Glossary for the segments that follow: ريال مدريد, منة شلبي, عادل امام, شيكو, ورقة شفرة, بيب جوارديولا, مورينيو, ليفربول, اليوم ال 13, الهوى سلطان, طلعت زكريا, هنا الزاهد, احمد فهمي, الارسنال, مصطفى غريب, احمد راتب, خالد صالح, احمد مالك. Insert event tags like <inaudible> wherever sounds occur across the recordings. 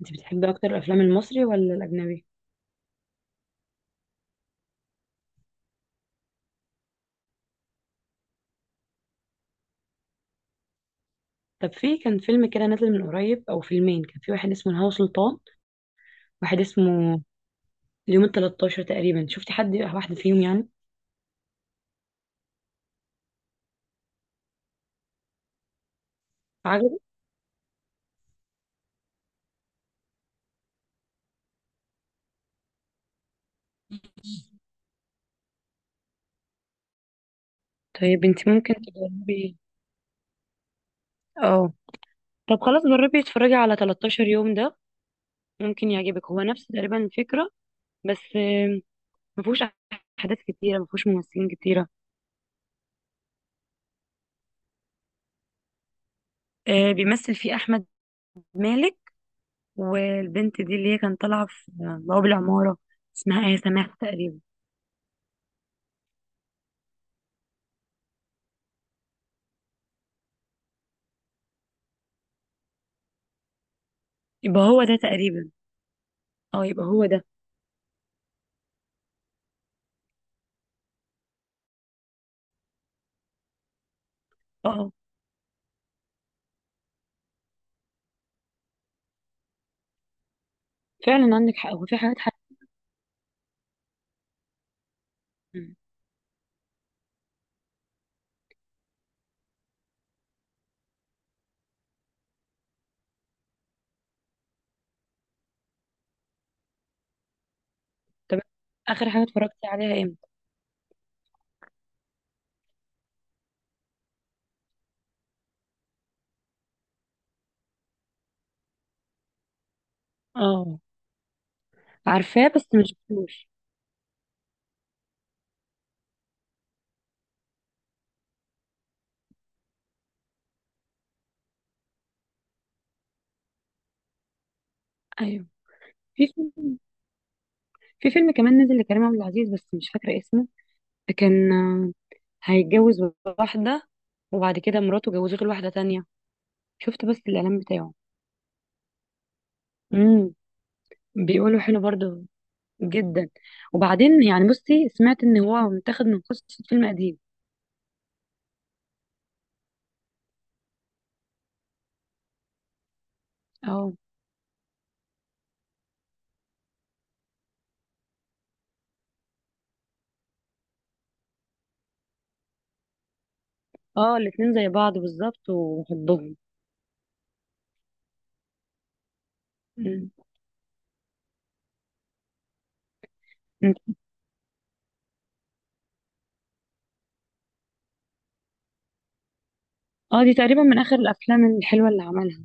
انت بتحبي اكتر الافلام المصري ولا الاجنبي؟ طب في كان فيلم كده نازل من قريب او فيلمين، كان في واحد اسمه الهوى سلطان، واحد اسمه اليوم ال 13 تقريبا. شفتي حد واحد فيهم يعني؟ عجبك؟ طيب انت ممكن تجربي. اه. طب خلاص جربي اتفرجي على 13 يوم ده، ممكن يعجبك. هو نفس تقريبا الفكرة، بس مفهوش احداث كتيرة، مفهوش ممثلين كتيرة. بيمثل فيه احمد مالك، والبنت دي اللي هي كانت طالعة في بواب العمارة، اسمها ايه؟ سماح تقريبا. يبقى هو ده تقريبا. اه يبقى هو ده. اه فعلا عندك حق، هو في حاجات حق. مم. طب اخر حاجه اتفرجتي عليها امتى؟ اه عارفاه بس ما شفتوش. ايوه. في فيلم في فيلم كمان نزل لكريم عبد العزيز، بس مش فاكره اسمه. كان هيتجوز واحده، وبعد كده مراته جوزته لواحده تانية. شفت بس الاعلان بتاعه. امم. بيقولوا حلو برضه جدا. وبعدين يعني بصي، سمعت ان هو متاخد من قصه فيلم قديم. اه. اه الاتنين زي بعض بالظبط وحبهم. مم. اه دي تقريبا من اخر الافلام الحلوه اللي عملها.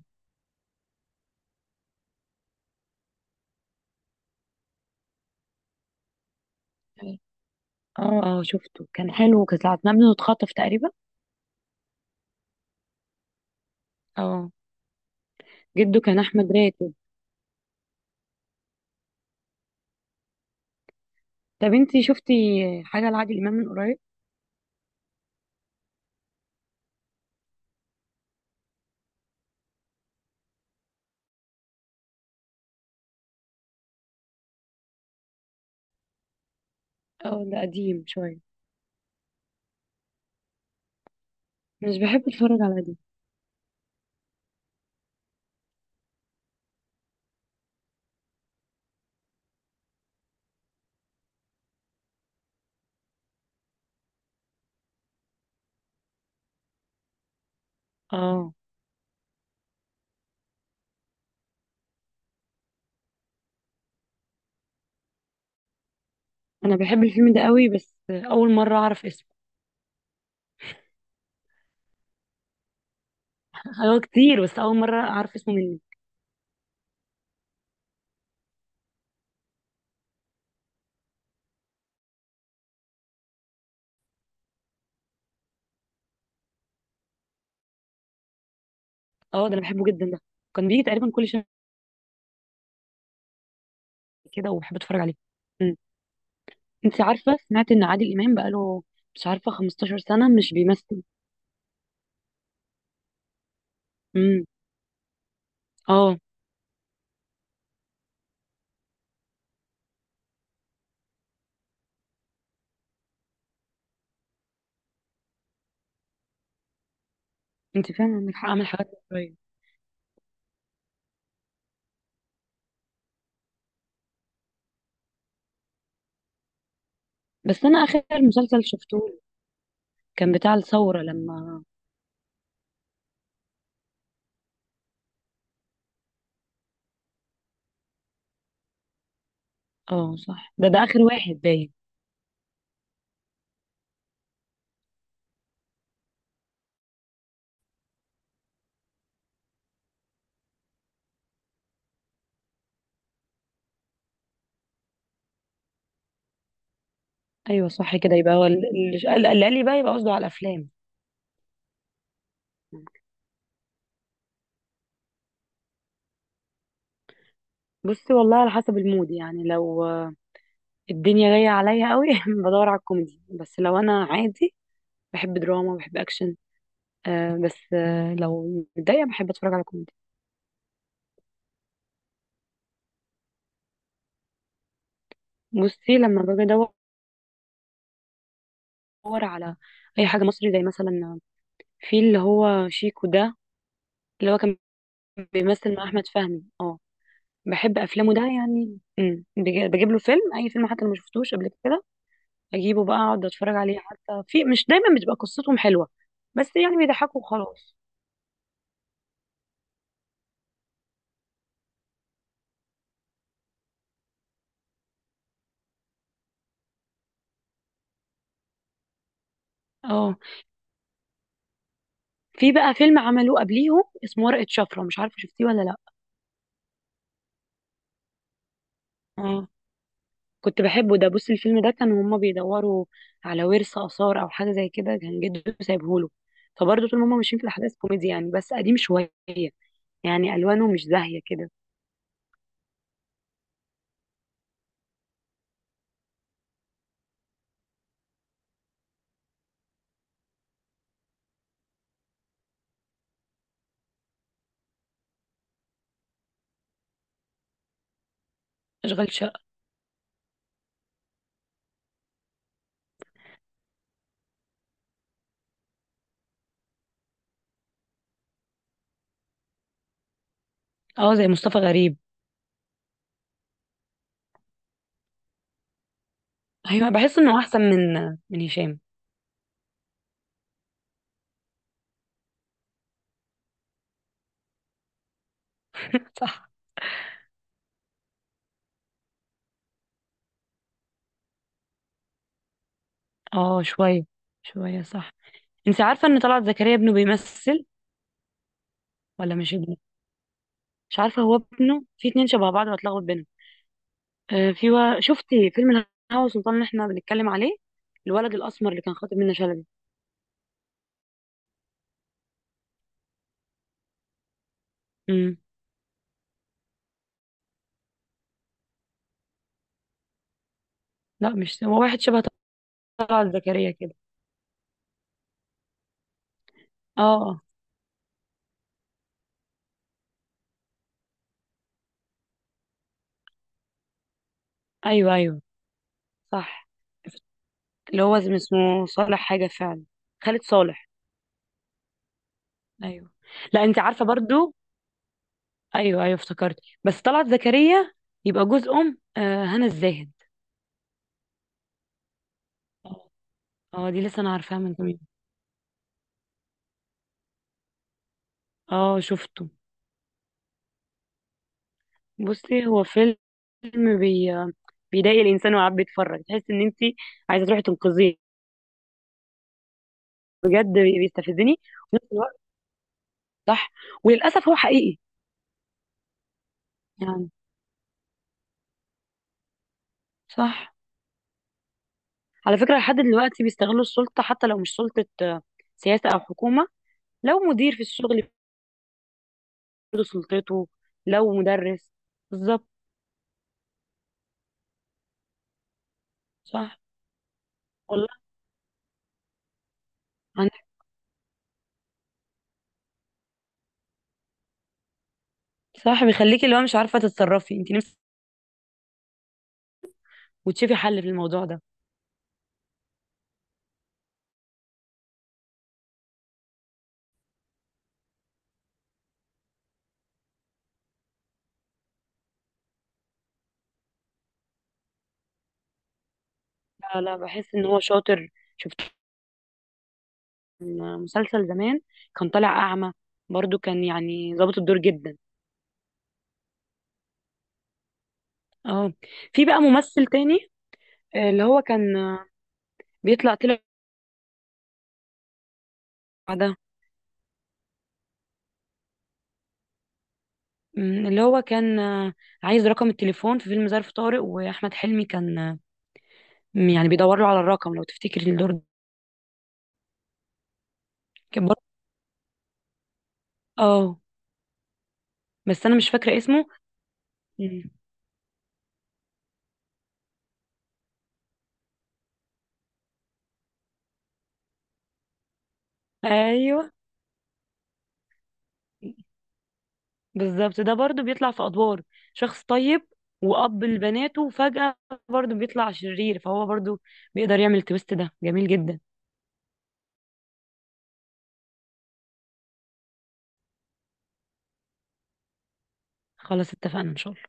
اه اه سبته، كان حلو، كانت ساعة ما ابنه اتخطف تقريبا. اه جده كان احمد راتب. طب انتي شفتي حاجه لعادل امام من قريب؟ اه ده قديم شويه. مش بحب اتفرج على قديم. اه انا بحب الفيلم ده قوي، بس اول مره اعرف اسمه. هو كتير بس اول مره اعرف اسمه مني. اه ده انا بحبه جدا ده، كان بيجي تقريبا كل شهر كده وبحب اتفرج عليه. مم. انتي عارفه، سمعت ان عادل امام بقاله مش عارفه 15 سنه مش بيمثل. امم. اه انت فعلا عندك حق، اعمل حاجات شويه. بس انا اخر مسلسل شفته كان بتاع الثوره لما. اه صح، ده اخر واحد باين. ايوه صح كده، يبقى هو اللي قال لي بقى، يبقى قصده على الافلام. بصي والله على حسب المود، يعني لو الدنيا جايه عليا قوي <laughs> بدور على الكوميدي، بس لو انا عادي بحب دراما، بحب اكشن. بس لو متضايقه بحب اتفرج على كوميدي. بصي لما باجي ادور على اي حاجه مصري، زي مثلا في اللي هو شيكو ده، اللي هو كان بيمثل مع احمد فهمي. اه. بحب افلامه ده يعني. بجيب له فيلم، اي فيلم، حتى لو ما شفتوش قبل كده اجيبه بقى، اقعد اتفرج عليه. حتى في مش دايما بتبقى قصتهم حلوه، بس يعني بيضحكوا وخلاص. اه في بقى فيلم عملوه قبليهم اسمه ورقة شفرة، مش عارفه شفتيه ولا لا. اه كنت بحبه ده. بص، الفيلم ده كانوا هما بيدوروا على ورث آثار او حاجه زي كده، كان جده سايبهوله. فبرضه طول ما هما ماشيين في الاحداث كوميدي يعني، بس قديم شويه، يعني الوانه مش زاهيه كده. اشغال شقه. اه زي مصطفى غريب. ايوه بحس انه احسن من هشام. <laughs> صح. اه شويه شويه صح. انت عارفه ان طلعت زكريا ابنه بيمثل؟ ولا مش ابنه. مش عارفه، هو ابنه في اتنين شبه بعض وهتلخبط بينهم. شفتي فيلم الهوى سلطان اللي احنا بنتكلم عليه؟ الولد الاسمر اللي كان خاطب منة شلبي. امم. لا مش هو، واحد شبه طلعت زكريا كده. اه اه ايوه ايوه صح، اللي هو اسمه صالح حاجه فعلا، خالد صالح ايوه. لا انت عارفه برضو. ايوه ايوه افتكرت، بس طلعت زكريا يبقى جوز ام هنا الزاهد. اه دي لسه انا عارفاها من كام يوم. اه شفته. بصي هو فيلم بي بيضايق الانسان، وقاعد بيتفرج تحس ان انت عايزه تروحي تنقذيه. بجد بيستفزني. وفي نفس الوقت. صح. وللاسف هو حقيقي. يعني. صح. على فكره لحد دلوقتي بيستغلوا السلطه، حتى لو مش سلطه سياسه او حكومه. لو مدير في الشغل، برضه سلطته. لو مدرس. بالظبط. صح. والله. صح بيخليكي اللي هو مش عارفة تتصرفي انت نفسك وتشوفي حل في الموضوع ده. لا لا بحس ان هو شاطر. شفت كان مسلسل زمان كان طالع أعمى، برضو كان يعني ظابط الدور جدا. اه في بقى ممثل تاني اللي هو كان آه، بيطلع طلع ده. اللي هو كان عايز رقم التليفون في فيلم ظرف طارق واحمد حلمي، كان يعني بيدور له على الرقم، لو تفتكري الدور ده. كان برضو. اه بس انا مش فاكرة اسمه. مم. ايوه بالظبط، ده برضو بيطلع في ادوار شخص طيب واب لبناته، وفجأة برضو بيطلع شرير، فهو برضو بيقدر يعمل التويست ده، جميل جدا. خلاص اتفقنا ان شاء الله.